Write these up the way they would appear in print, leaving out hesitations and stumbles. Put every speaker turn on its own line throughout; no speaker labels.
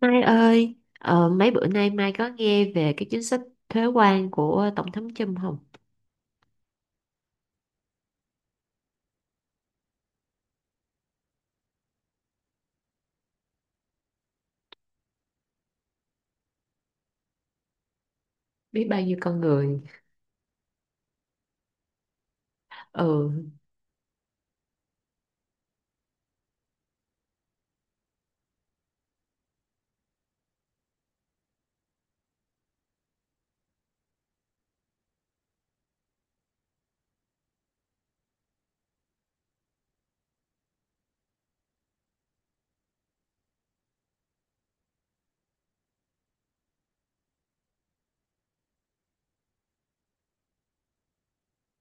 Mai ơi, mấy bữa nay Mai có nghe về cái chính sách thuế quan của Tổng thống Trump không? Biết bao nhiêu con người. Ừ,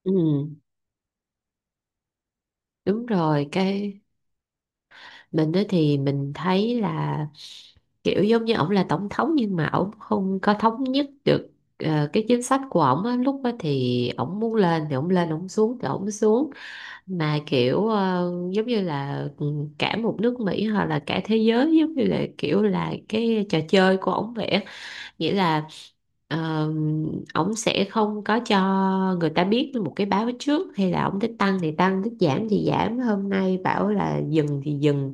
ừ, đúng rồi. Cái mình đó thì mình thấy là kiểu giống như ổng là tổng thống, nhưng mà ổng không có thống nhất được cái chính sách của ổng á. Lúc đó thì ổng muốn lên thì ổng lên, ổng xuống thì ổng xuống. Mà kiểu giống như là cả một nước Mỹ hoặc là cả thế giới giống như là kiểu là cái trò chơi của ổng vậy á, nghĩa là uh, ổng sẽ không có cho người ta biết một cái báo trước, hay là ổng thích tăng thì tăng, thích giảm thì giảm, hôm nay bảo là dừng thì dừng.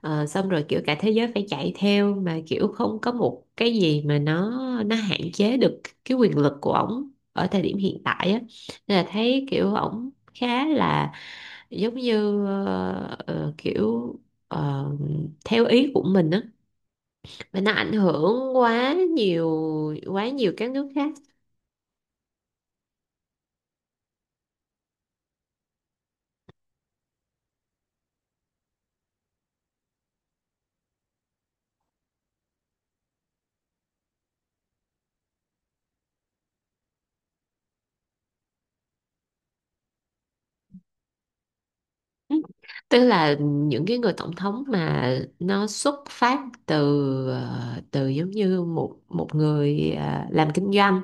Xong rồi kiểu cả thế giới phải chạy theo, mà kiểu không có một cái gì mà nó hạn chế được cái quyền lực của ổng ở thời điểm hiện tại á. Nên là thấy kiểu ổng khá là giống như kiểu ờ, theo ý của mình á, và nó ảnh hưởng quá nhiều các nước khác. Tức là những cái người tổng thống mà nó xuất phát từ từ giống như một một người làm kinh doanh,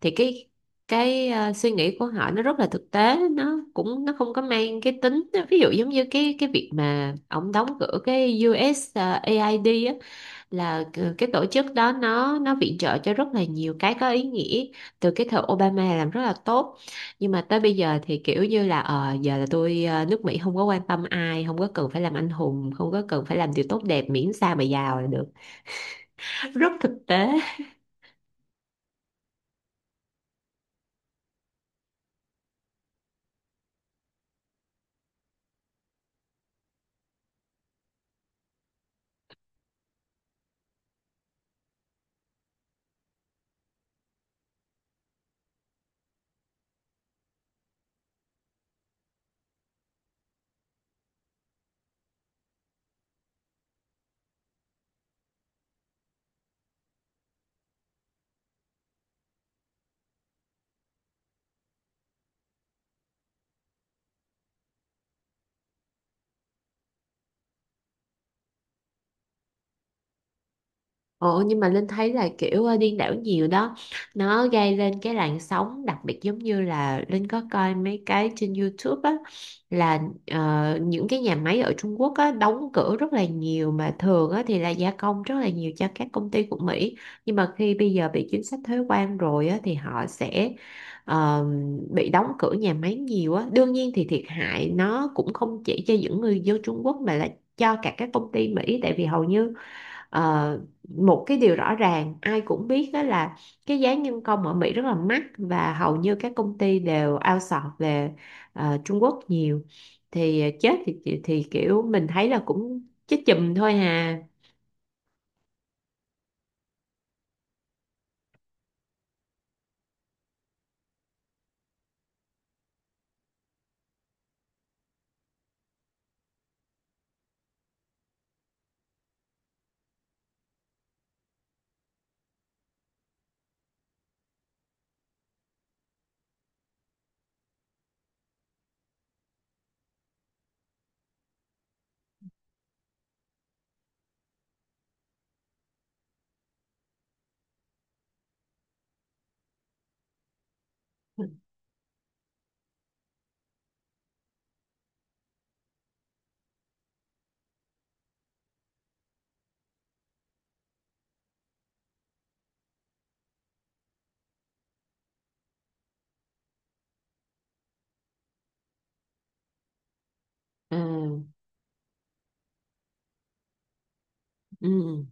thì cái suy nghĩ của họ nó rất là thực tế, nó cũng không có mang cái tính. Ví dụ giống như cái việc mà ông đóng cửa cái US á, là cái tổ chức đó nó viện trợ cho rất là nhiều cái có ý nghĩa từ cái thời Obama, làm rất là tốt, nhưng mà tới bây giờ thì kiểu như là giờ là tôi, nước Mỹ không có quan tâm ai, không có cần phải làm anh hùng, không có cần phải làm điều tốt đẹp, miễn sao mà giàu là được. Rất thực tế. Ồ, nhưng mà Linh thấy là kiểu điên đảo nhiều đó. Nó gây lên cái làn sóng, đặc biệt giống như là Linh có coi mấy cái trên YouTube á, là những cái nhà máy ở Trung Quốc á, đóng cửa rất là nhiều, mà thường á thì là gia công rất là nhiều cho các công ty của Mỹ. Nhưng mà khi bây giờ bị chính sách thuế quan rồi á, thì họ sẽ ờ, bị đóng cửa nhà máy nhiều á. Đương nhiên thì thiệt hại nó cũng không chỉ cho những người dân Trung Quốc, mà là cho cả các công ty Mỹ. Tại vì hầu như Ờ, một cái điều rõ ràng ai cũng biết đó là cái giá nhân công ở Mỹ rất là mắc, và hầu như các công ty đều outsource về Trung Quốc nhiều. Thì chết, thì kiểu mình thấy là cũng chết chùm thôi hà. Ừ, ừ,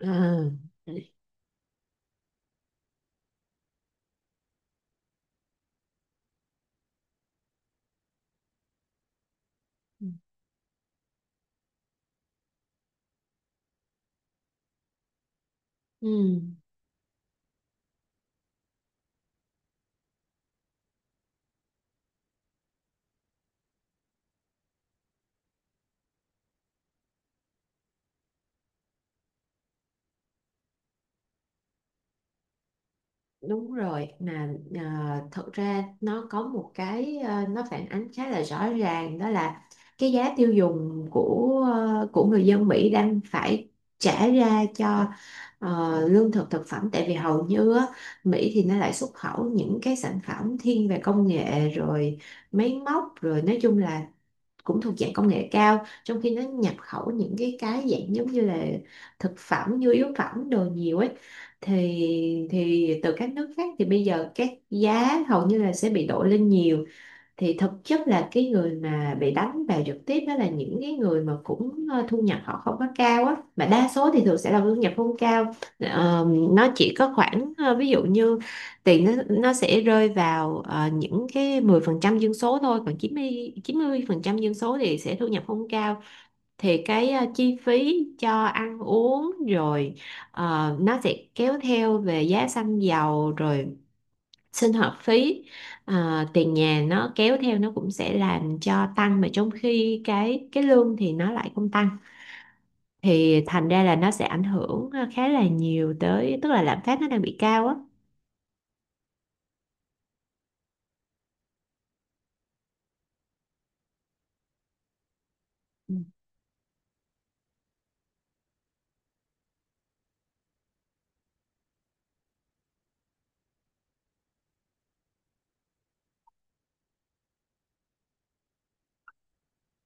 ừ, ừ, ừ. Đúng rồi, mà à, thật ra nó có một cái, à, nó phản ánh khá là rõ ràng, đó là cái giá tiêu dùng của, à, của người dân Mỹ đang phải trả ra cho, à, lương thực thực phẩm, tại vì hầu như á, Mỹ thì nó lại xuất khẩu những cái sản phẩm thiên về công nghệ rồi máy móc, rồi nói chung là cũng thuộc dạng công nghệ cao, trong khi nó nhập khẩu những cái dạng giống như là thực phẩm, nhu yếu phẩm, đồ nhiều ấy, thì từ các nước khác thì bây giờ các giá hầu như là sẽ bị đội lên nhiều. Thì thực chất là cái người mà bị đánh vào trực tiếp đó là những cái người mà cũng thu nhập họ không có cao á, mà đa số thì thường sẽ là thu nhập không cao. Nó chỉ có khoảng, ví dụ như tiền nó sẽ rơi vào những cái 10% dân số thôi, còn chín chín mươi phần trăm dân số thì sẽ thu nhập không cao, thì cái, chi phí cho ăn uống rồi, nó sẽ kéo theo về giá xăng dầu, rồi sinh hoạt phí, à, tiền nhà, nó kéo theo nó cũng sẽ làm cho tăng, mà trong khi cái lương thì nó lại không tăng, thì thành ra là nó sẽ ảnh hưởng, à, khá là nhiều tới, tức là lạm phát nó đang bị cao á.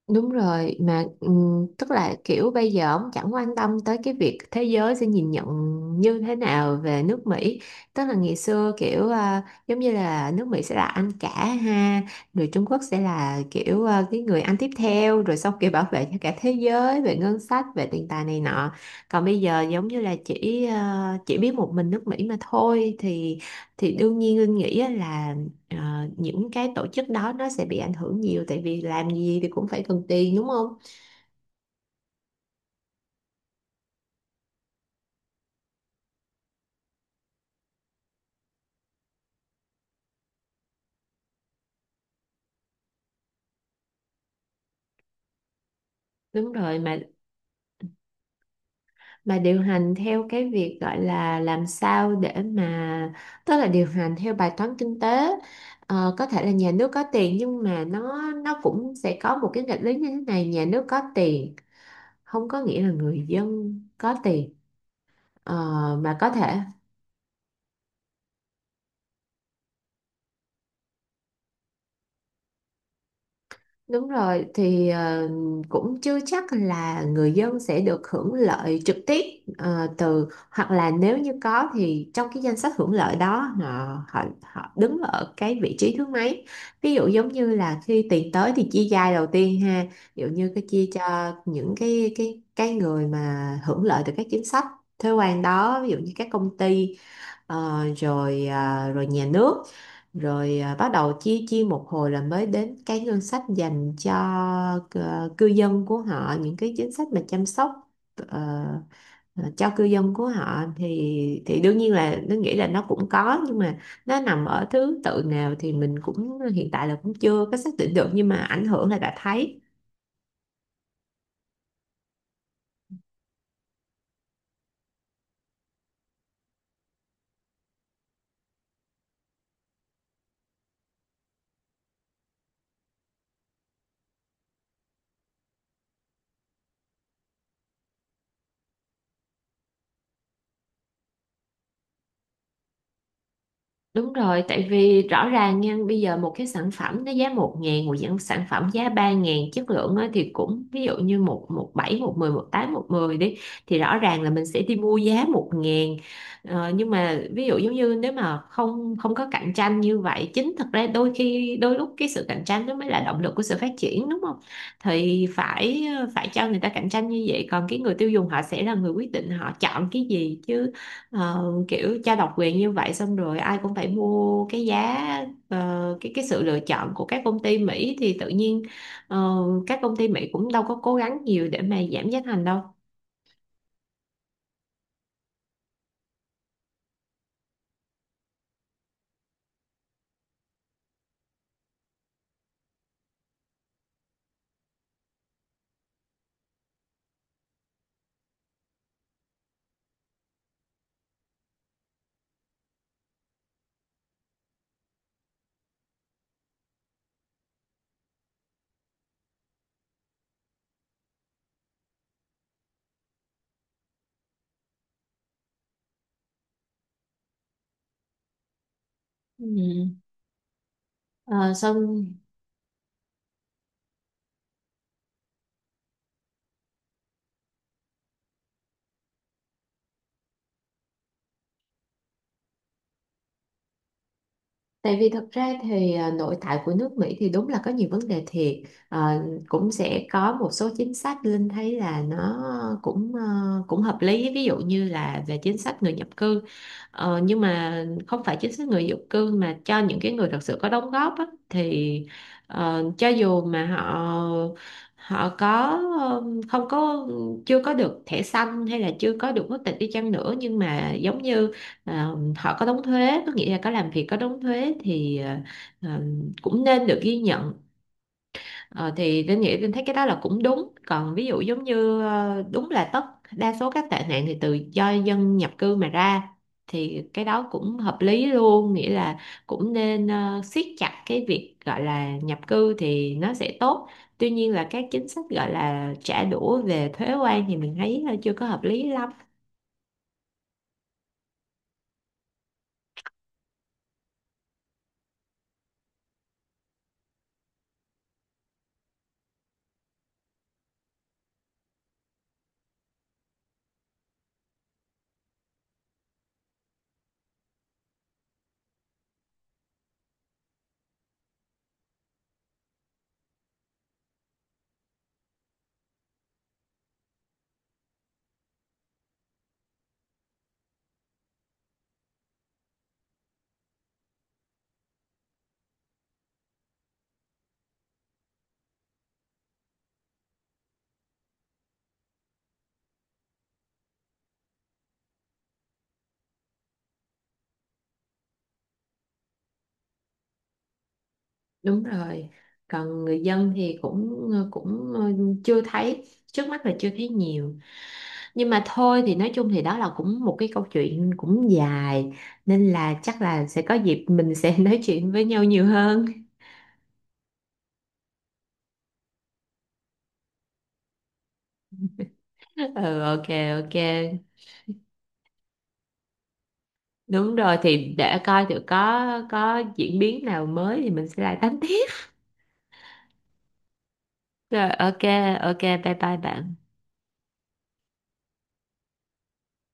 Đúng rồi, mà tức là kiểu bây giờ ông chẳng quan tâm tới cái việc thế giới sẽ nhìn nhận như thế nào về nước Mỹ. Tức là ngày xưa kiểu, à, giống như là nước Mỹ sẽ là anh cả ha, rồi Trung Quốc sẽ là kiểu, à, cái người anh tiếp theo, rồi xong kiểu bảo vệ cho cả thế giới về ngân sách, về tiền tài này nọ. Còn bây giờ giống như là chỉ biết một mình nước Mỹ mà thôi, thì đương nhiên Linh nghĩ á là, ờ, những cái tổ chức đó nó sẽ bị ảnh hưởng nhiều, tại vì làm gì thì cũng phải cần tiền, đúng không? Đúng rồi, mà điều hành theo cái việc gọi là làm sao để mà, tức là điều hành theo bài toán kinh tế. Có thể là nhà nước có tiền, nhưng mà nó cũng sẽ có một cái nghịch lý như thế này: nhà nước có tiền không có nghĩa là người dân có tiền. Ờ, mà có thể đúng rồi, thì cũng chưa chắc là người dân sẽ được hưởng lợi trực tiếp từ, hoặc là nếu như có thì trong cái danh sách hưởng lợi đó họ họ, họ đứng ở cái vị trí thứ mấy. Ví dụ giống như là khi tiền tới thì chia giai đầu tiên ha, ví dụ như cái chia cho những cái người mà hưởng lợi từ các chính sách thuế quan đó, ví dụ như các công ty, rồi, à, rồi nhà nước, rồi à, bắt đầu chia chia một hồi là mới đến cái ngân sách dành cho cư dân của họ, những cái chính sách mà chăm sóc, ờ, cho cư dân của họ, thì đương nhiên là nó nghĩ là nó cũng có, nhưng mà nó nằm ở thứ tự nào thì mình cũng, hiện tại là cũng chưa có xác định được, nhưng mà ảnh hưởng là đã thấy. Đúng rồi, tại vì rõ ràng nha, bây giờ một cái sản phẩm nó giá 1.000, một dạng sản phẩm giá 3.000, chất lượng á, thì cũng ví dụ như một một bảy một mười một tám một mười đi, thì rõ ràng là mình sẽ đi mua giá 1.000. Nhưng mà ví dụ giống như nếu mà không không có cạnh tranh như vậy, chính thật ra đôi khi đôi lúc cái sự cạnh tranh nó mới là động lực của sự phát triển, đúng không? Thì phải cho người ta cạnh tranh như vậy, còn cái người tiêu dùng họ sẽ là người quyết định họ chọn cái gì chứ. Kiểu trao độc quyền như vậy, xong rồi ai cũng phải mua cái giá, cái sự lựa chọn của các công ty Mỹ, thì tự nhiên ờ, các công ty Mỹ cũng đâu có cố gắng nhiều để mà giảm giá thành đâu. Ừ. Ờ, Xong. Tại vì thật ra thì, à, nội tại của nước Mỹ thì đúng là có nhiều vấn đề thiệt, à, cũng sẽ có một số chính sách Linh thấy là nó cũng, à, cũng hợp lý, ví dụ như là về chính sách người nhập cư. Nhưng mà không phải chính sách người nhập cư mà cho những cái người thật sự có đóng góp á, thì cho dù mà họ họ có không có, chưa có được thẻ xanh hay là chưa có được quốc tịch đi chăng nữa, nhưng mà giống như họ có đóng thuế, có nghĩa là có làm việc có đóng thuế, thì ờ, cũng nên được ghi nhận. Ờ, thì Linh nghĩ, Linh thấy cái đó là cũng đúng, còn ví dụ giống như đúng là đa số các tệ nạn thì từ do dân nhập cư mà ra, thì cái đó cũng hợp lý luôn, nghĩa là cũng nên siết chặt cái việc gọi là nhập cư thì nó sẽ tốt. Tuy nhiên là các chính sách gọi là trả đũa về thuế quan thì mình thấy chưa có hợp lý lắm. Đúng rồi. Còn người dân thì cũng chưa thấy, trước mắt là chưa thấy nhiều. Nhưng mà thôi, thì nói chung thì đó là cũng một cái câu chuyện cũng dài, nên là chắc là sẽ có dịp mình sẽ nói chuyện với nhau nhiều hơn. Ừ, ok, ok. Đúng rồi, thì để coi thử có diễn biến nào mới thì mình sẽ lại tám tiếp. Rồi, ok, ok, bye bye bạn.